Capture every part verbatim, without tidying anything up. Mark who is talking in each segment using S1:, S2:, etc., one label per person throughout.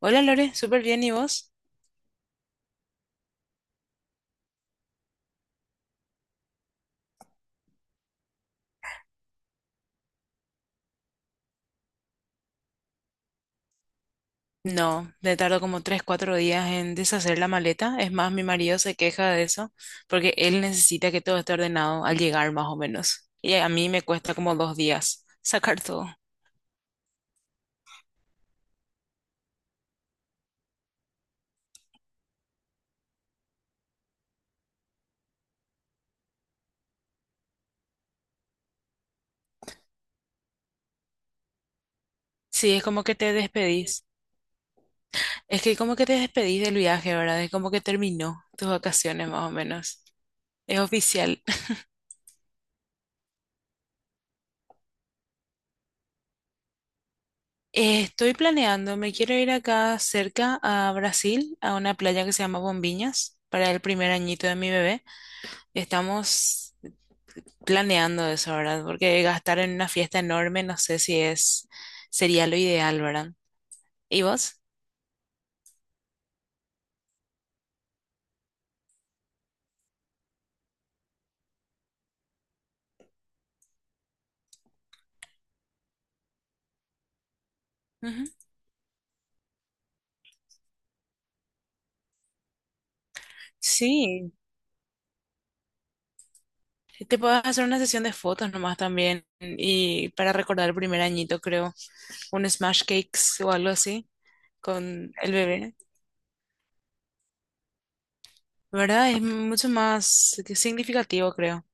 S1: Hola Lore, súper bien, ¿y vos? No, me tardo como tres, cuatro días en deshacer la maleta. Es más, mi marido se queja de eso porque él necesita que todo esté ordenado al llegar más o menos. Y a mí me cuesta como dos días sacar todo. Sí, es como que te despedís. Es que como que te despedís del viaje, ¿verdad? Es como que terminó tus vacaciones más o menos. Es oficial. Eh, Estoy planeando, me quiero ir acá cerca a Brasil, a una playa que se llama Bombiñas, para el primer añito de mi bebé. Estamos planeando eso, ¿verdad? Porque gastar en una fiesta enorme, no sé si es, sería lo ideal, ¿verdad? ¿Y vos? Ujú. Sí, te puedes hacer una sesión de fotos nomás también y para recordar el primer añito, creo, un smash cakes o algo así con el bebé, ¿verdad? Es mucho más significativo, creo.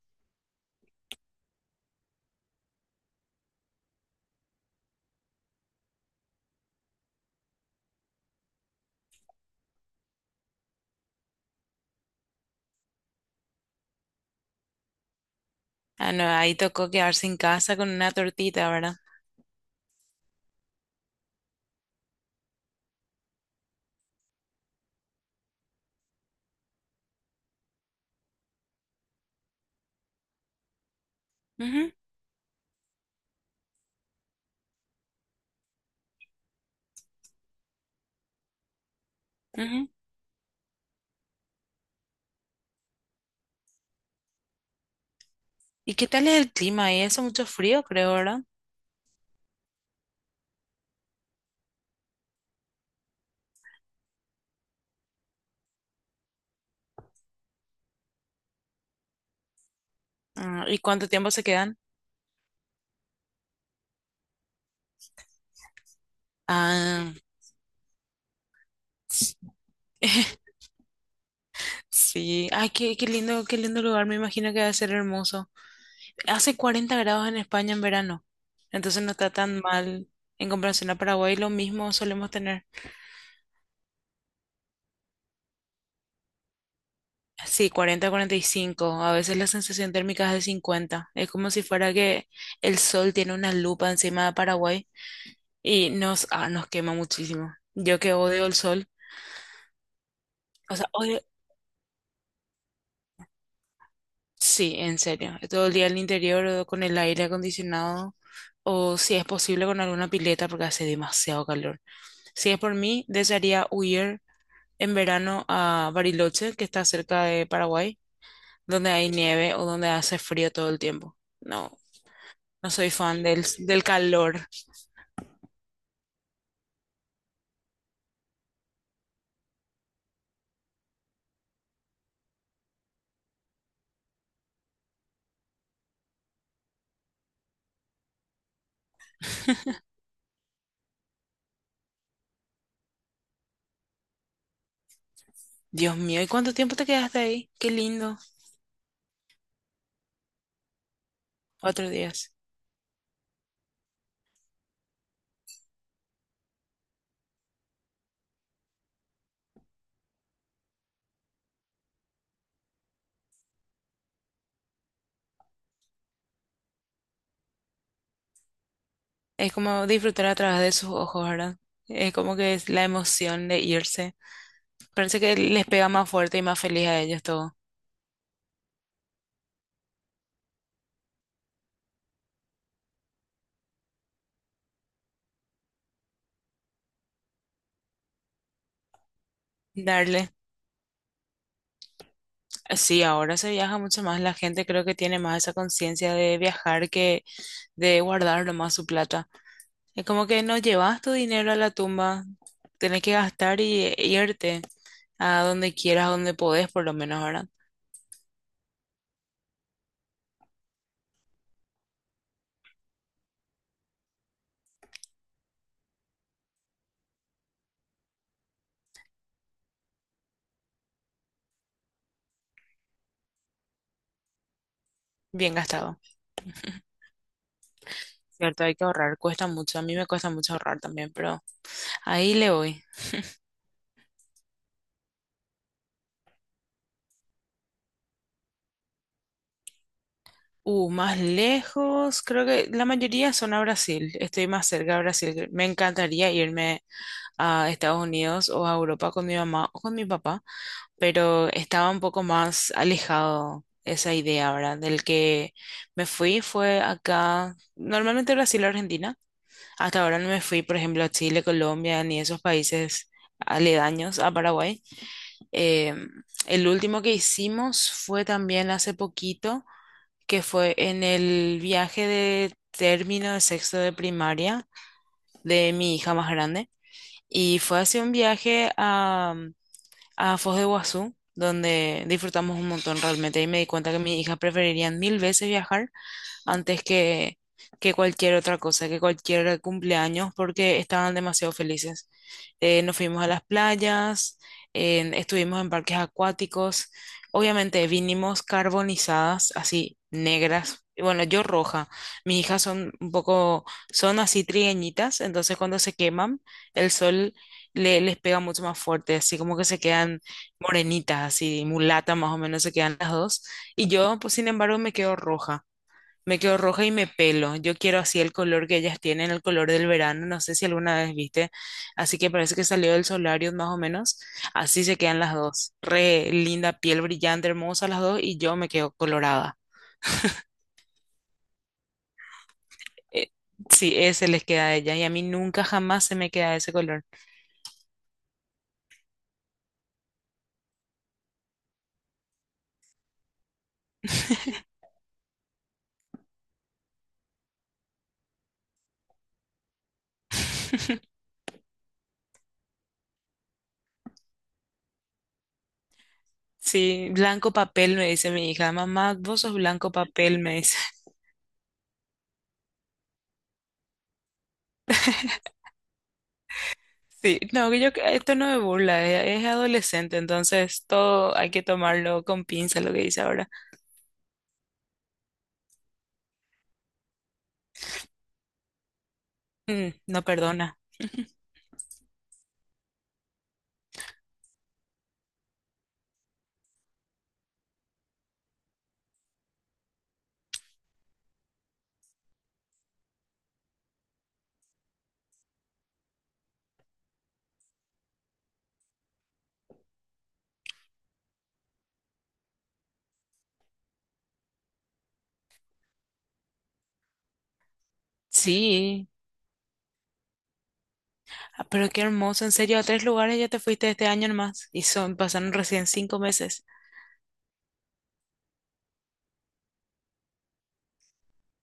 S1: Ah, no, ahí tocó quedarse en casa con una tortita, ¿verdad? Ujú, ujú. ¿Y qué tal es el clima? Ahí hace mucho frío, creo, ¿verdad? Ah, ¿y cuánto tiempo se quedan? Ah, Sí, ay, qué, qué lindo, qué lindo lugar, me imagino que va a ser hermoso. Hace cuarenta grados en España en verano, entonces no está tan mal en comparación a Paraguay, lo mismo solemos tener. Sí, cuarenta, cuarenta y cinco, a veces la sensación térmica es de cincuenta, es como si fuera que el sol tiene una lupa encima de Paraguay y nos, ah, nos quema muchísimo. Yo que odio el sol, o sea, odio. Sí, en serio. Todo el día al interior o con el aire acondicionado o si es posible con alguna pileta porque hace demasiado calor. Si es por mí, desearía huir en verano a Bariloche, que está cerca de Paraguay, donde hay nieve o donde hace frío todo el tiempo. No, no soy fan del, del calor. Dios mío, ¿y cuánto tiempo te quedaste ahí? Qué lindo. Cuatro días. Es como disfrutar a través de sus ojos, ¿verdad? Es como que es la emoción de irse. Parece que les pega más fuerte y más feliz a ellos todo. Darle. Sí, ahora se viaja mucho más. La gente creo que tiene más esa conciencia de viajar que de guardar nomás su plata. Es como que no llevas tu dinero a la tumba. Tenés que gastar y e irte a donde quieras, a donde podés, por lo menos ahora. Bien gastado. Cierto, hay que ahorrar. Cuesta mucho. A mí me cuesta mucho ahorrar también, pero ahí le voy. Uh, más lejos, creo que la mayoría son a Brasil. Estoy más cerca a Brasil. Me encantaría irme a Estados Unidos o a Europa con mi mamá o con mi papá, pero estaba un poco más alejado esa idea, ¿verdad? Del que me fui fue acá, normalmente Brasil o Argentina, hasta ahora no me fui, por ejemplo, a Chile, Colombia, ni esos países aledaños a Paraguay. Eh, el último que hicimos fue también hace poquito, que fue en el viaje de término de sexto de primaria de mi hija más grande. Y fue hacia un viaje a, a Foz de Iguazú, donde disfrutamos un montón realmente. Y me di cuenta que mis hijas preferirían mil veces viajar antes que, que cualquier otra cosa, que cualquier cumpleaños, porque estaban demasiado felices. Eh, nos fuimos a las playas, en- estuvimos en parques acuáticos, obviamente vinimos carbonizadas, así negras, y bueno, yo roja, mis hijas son un poco, son así trigueñitas, entonces cuando se queman, el sol le- les pega mucho más fuerte, así como que se quedan morenitas, así mulatas más o menos se quedan las dos, y yo, pues sin embargo, me quedo roja. Me quedo roja y me pelo. Yo quiero así el color que ellas tienen, el color del verano. No sé si alguna vez viste. Así que parece que salió del solarium más o menos. Así se quedan las dos. Re linda piel brillante, hermosa las dos. Y yo me quedo colorada. Eh, sí, ese les queda a ellas. Y a mí nunca jamás se me queda ese color. Sí, blanco papel, me dice mi hija. Mamá, vos sos blanco papel, me dice. Sí, no, que yo, que esto no me burla, es, es adolescente, entonces todo hay que tomarlo con pinza, lo que dice ahora. Mm, no perdona. Sí, ah, pero qué hermoso. En serio, a tres lugares ya te fuiste este año nomás y son, pasaron recién cinco meses.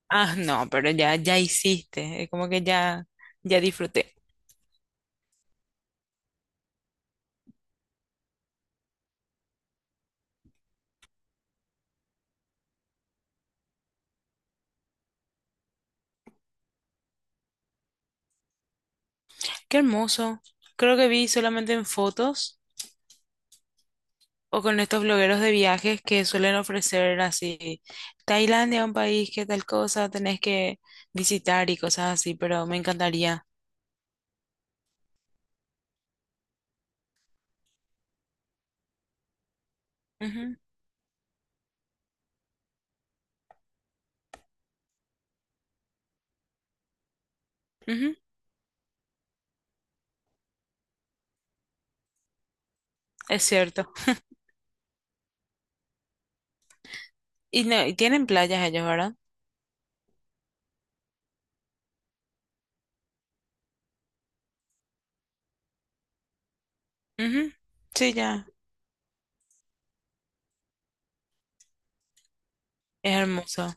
S1: Ah, no, pero ya, ya hiciste. Es como que ya, ya disfruté. Qué hermoso. Creo que vi solamente en fotos o con estos blogueros de viajes que suelen ofrecer así, Tailandia, un país que tal cosa tenés que visitar y cosas así, pero me encantaría. Ujú, ujú, es cierto. Y, no, y tienen playas ellos, ¿verdad? Ujú, sí, ya. Es hermoso.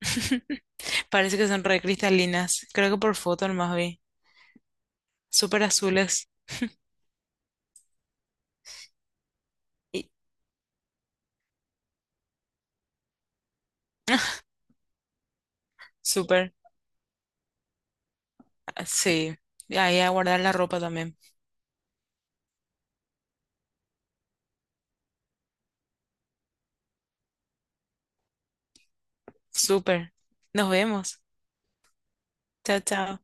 S1: Parece que son re cristalinas. Creo que por foto nomás vi. Súper azules. Y- Súper. Sí. Ahí a guardar la ropa también. Súper. Nos vemos. Chao, chao.